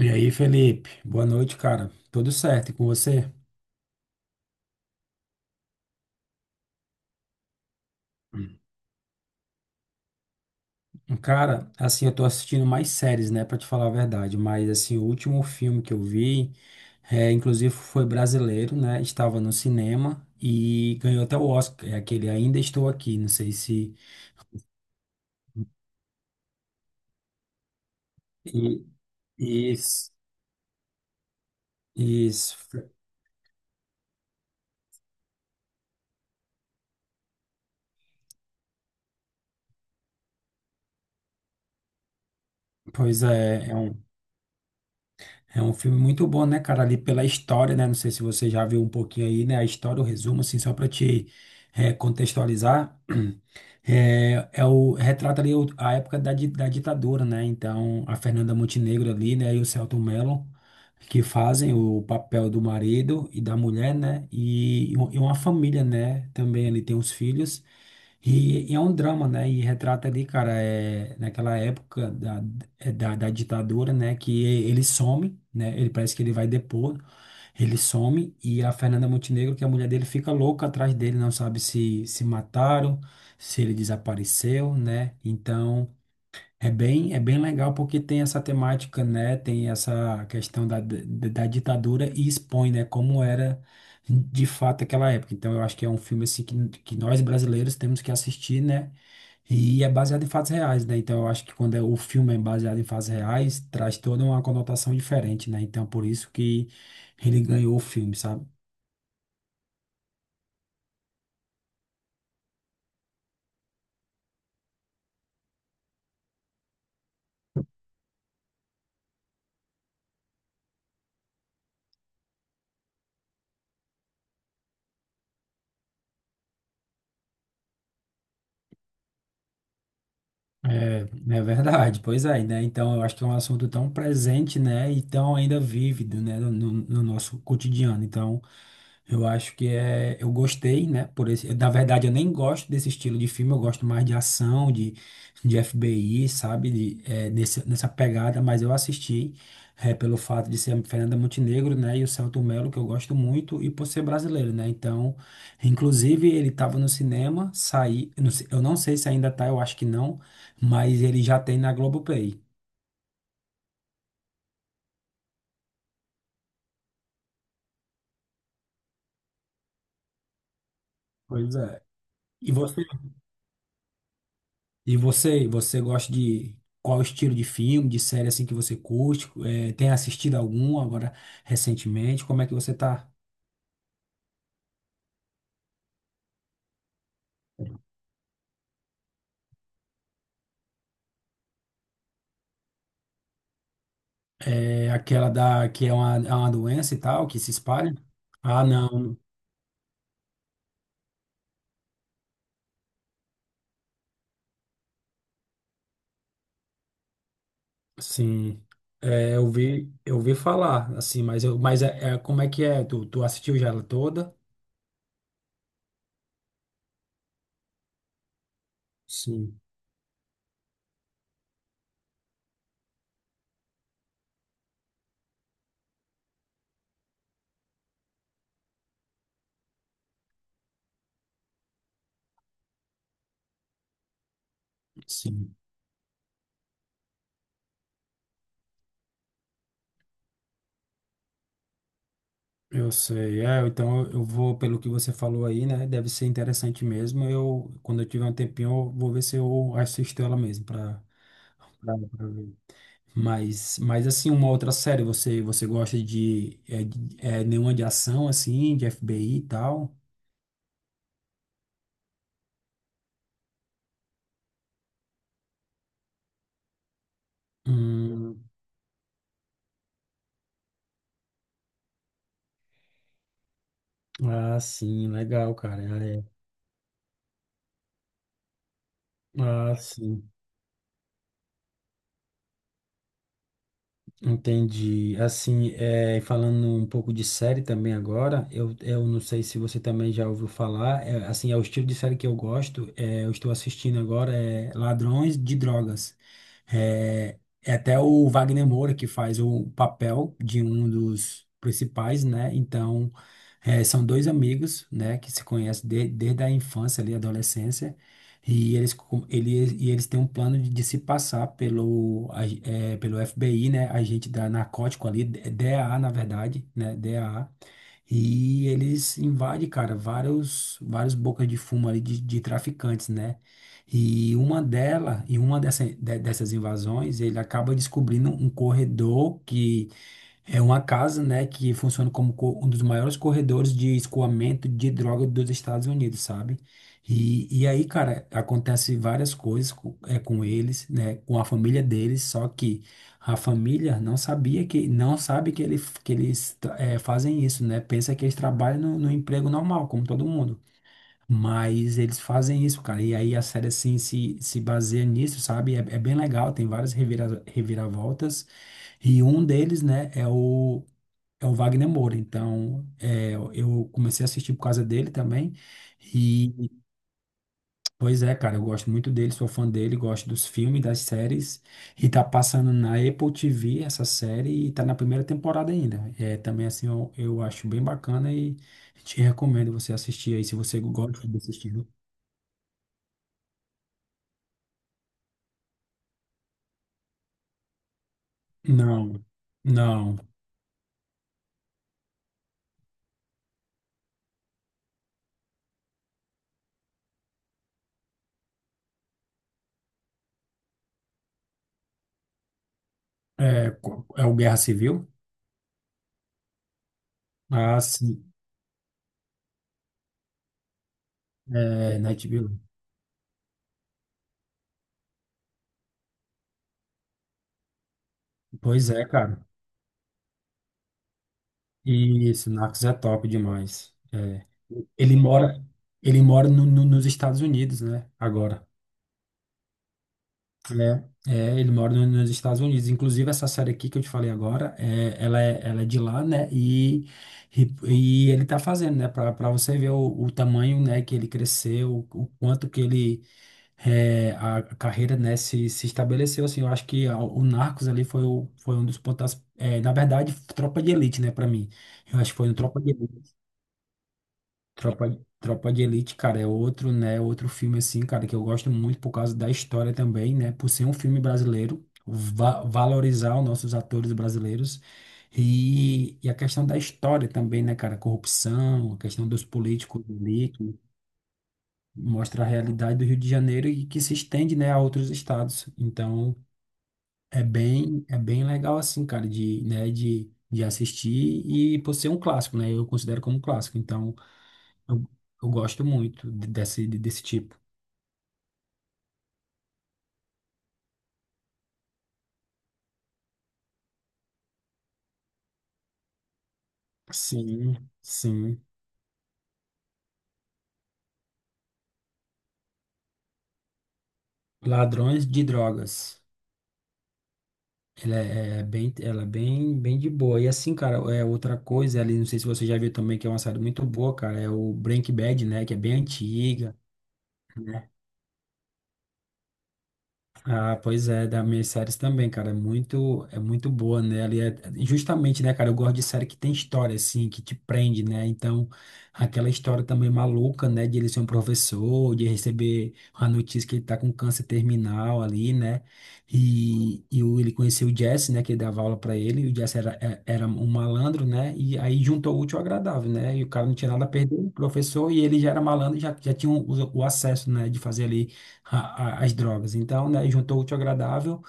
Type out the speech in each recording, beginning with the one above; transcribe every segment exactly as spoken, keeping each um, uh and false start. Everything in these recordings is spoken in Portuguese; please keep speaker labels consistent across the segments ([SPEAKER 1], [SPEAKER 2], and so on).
[SPEAKER 1] E aí, Felipe? Boa noite, cara. Tudo certo e com você? Hum. Cara, assim, eu tô assistindo mais séries, né, pra te falar a verdade, mas assim, o último filme que eu vi, é, inclusive foi brasileiro, né? Estava no cinema e ganhou até o Oscar, é aquele Ainda Estou Aqui, não sei se e e isso, pois é, é um é um filme muito bom, né, cara? Ali pela história, né? Não sei se você já viu um pouquinho aí, né? A história, o resumo, assim, só pra te eh, contextualizar. É, é o, retrata ali o- a época da, di- da ditadura, né? Então, a Fernanda Montenegro ali, né? E o Selton Mello, que fazem o papel do marido e da mulher, né? E, e um- e uma família, né? Também ali tem os filhos. E, e é um drama, né? E retrata ali, cara, é, naquela época da, é da, da ditadura, né? Que ele some, né? Ele parece que ele vai depor, ele some e a Fernanda Montenegro, que é a mulher dele, fica louca atrás dele, não sabe se se mataram, se ele desapareceu, né? Então. É bem, é bem legal porque tem essa temática, né? Tem essa questão da, da, da ditadura e expõe, né? Como era de fato aquela época. Então eu acho que é um filme assim que, que nós brasileiros temos que assistir, né? E é baseado em fatos reais, né? Então eu acho que quando é- o filme é baseado em fatos reais, traz toda uma conotação diferente, né? Então por isso que ele ganhou o filme, sabe? É, é verdade, pois é, né? Então eu acho que é um assunto tão presente, né? E tão ainda vívido, né? No, no- no nosso cotidiano. Então eu acho que é, eu gostei, né? Por esse, na verdade eu nem gosto desse estilo de filme, eu gosto mais de ação, de, de F B I, sabe? De, é, nesse, nessa pegada, mas eu assisti, é, pelo fato de ser a Fernanda Montenegro, né? E o Selton Mello, que eu gosto muito, e por ser brasileiro, né? Então, inclusive ele estava no cinema, saí, eu não sei, eu não sei se ainda tá, eu acho que não, mas ele já tem na Globoplay. Pois é. E você, e você, você gosta de qual estilo de filme, de série assim que você curte? Eh, tem assistido algum agora recentemente? Como é que você tá? É aquela da que é uma, é uma doença e tal, que se espalha? Ah, não. Sim. É, eu vi, eu vi falar, assim, mas eu, mas é, é- como é que é? Tu, tu assistiu já ela toda? Sim, sim. Eu sei, é, então eu eu vou, pelo que você falou aí, né? Deve ser interessante mesmo. Eu, quando eu tiver um tempinho, eu vou ver se eu assisto ela mesmo para ver. Mas, mas assim, uma outra série, você, você gosta de, é, de- é, nenhuma de ação, assim, de F B I e tal? Hum, ah, sim, legal, cara. É. Ah, sim. Entendi. Assim, é, falando um pouco de série também agora, eu, eu não sei se você também já ouviu falar, é, assim, é o estilo de série que eu gosto, é, eu estou assistindo agora, é Ladrões de Drogas. É, é até o Wagner Moura que faz o papel de um dos principais, né? Então, é, são dois amigos, né, que se conhecem de- desde a infância ali, adolescência, e eles, com- ele, e eles têm um plano de, de se passar pelo, a- eh, pelo F B I, né? Agente da narcótico ali, D- DAA, na verdade, né? D E A. E eles invadem, cara, vários, vários bocas de fumo ali de, de traficantes, né? E uma dela, e uma dessa, de- dessas invasões, ele acaba descobrindo um corredor que é uma casa, né, que funciona como co- um dos maiores corredores de escoamento de droga dos Estados Unidos, sabe? E, e aí, cara, acontece várias coisas com, é, com eles, né, com a família deles, só que a família não sabia que, não sabe que, ele, que eles tra- é, fazem isso, né? Pensa que eles trabalham no, no emprego normal, como todo mundo. Mas eles fazem isso, cara. E aí a série, assim, se, se baseia nisso, sabe? É, é bem legal, tem várias revira, reviravoltas. E um deles, né, é o é o Wagner Moura. Então, é, eu comecei a assistir por causa dele também. E, pois é, cara, eu gosto muito dele, sou fã dele, gosto dos filmes, das séries. E tá passando na Apple T V essa série e tá na primeira temporada ainda. É, também, assim, eu, eu acho bem bacana e te recomendo você assistir aí, se você gosta de assistir. Não, não. É, co- é o Guerra Civil? Ah, sim. É, Night Vale. Pois é, cara. Isso, Narcos é top demais. É. Ele mora, ele mora no- no- nos Estados Unidos, né? Agora. É, é, ele mora no- nos Estados Unidos. Inclusive, essa série aqui que eu te falei agora, é, ela, é, ela é de lá, né? E, e, e ele tá fazendo, né? Pra, pra você ver o, o tamanho, né, que ele cresceu, o quanto que ele. É, a carreira, né, se, se estabeleceu, assim, eu acho que a- o Narcos ali foi, o, foi um dos pontos, é, na verdade, Tropa de Elite, né, pra mim, eu acho que foi no Tropa de Elite. Tropa, Tropa de Elite, cara, é outro, né? Outro filme assim, cara, que eu gosto muito por causa da história também, né? Por ser um filme brasileiro, va valorizar os nossos atores brasileiros e, e a questão da história também, né, cara? Corrupção, a questão dos políticos ali, que mostra a realidade do Rio de Janeiro e que se estende, né, a outros estados. Então, é bem, é bem legal assim, cara, de, né, de, de assistir e por ser um clássico, né? Eu considero como um clássico. Então, eu, eu gosto muito de- desse, de- desse tipo. Sim, sim. Ladrões de drogas. Ela é, é é bem, ela é bem, bem de boa. E assim, cara, é outra coisa ali, não sei se você já viu também, que é uma série muito boa, cara, é o Breaking Bad, né, que é bem antiga. Ah, pois é, das minhas séries também, cara, é muito, é muito boa, né? Ali é, é, justamente, né, cara, eu gosto de série que tem história, assim, que te prende, né? Então, aquela história também maluca, né, de ele ser um professor, de receber a notícia que ele tá com câncer terminal ali, né? E, e o- ele conheceu o Jesse, né, que dava aula pra ele, e o Jesse era, é- era um malandro, né? E aí juntou o útil ao agradável, né? E o cara não tinha nada a perder, o professor, e ele já era malandro, já, já tinha o, o acesso, né, de fazer ali a- a- as drogas. Então, né, juntou o útil ao agradável.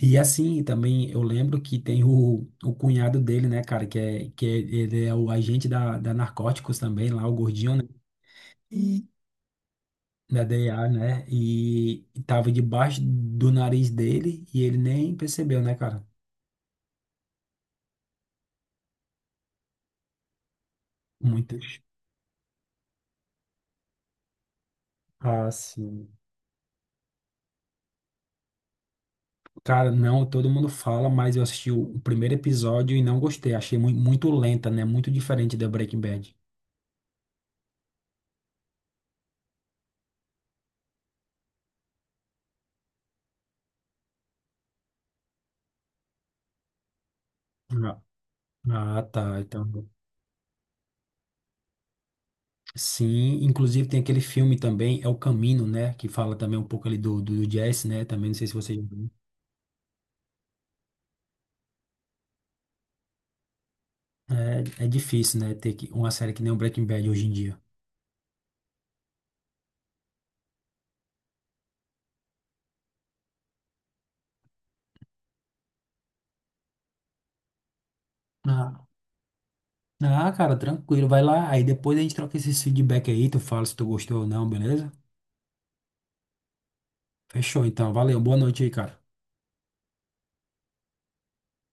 [SPEAKER 1] E assim, também eu lembro que tem o, o cunhado dele, né, cara, que é, que é, ele é o agente da, da Narcóticos também, lá, o gordinho, né, E- da D E A, né, e, e tava debaixo do nariz dele e ele nem percebeu, né, cara? Muito. Ah, sim. Cara, não, todo mundo fala, mas eu assisti o o primeiro episódio e não gostei. Achei mui- muito lenta, né? Muito diferente da Breaking Bad. Ah, ah, tá. Então. Sim, inclusive tem aquele filme também, é o Camino, né? Que fala também um pouco ali do, do, do jazz, né? Também não sei se você já viu. É, é difícil, né? Ter que- uma série que nem o Breaking Bad hoje em dia. Ah, ah, cara, tranquilo, vai lá. Aí depois a gente troca esses feedback aí, tu fala se tu gostou ou não, beleza? Fechou, então. Valeu, boa noite aí, cara.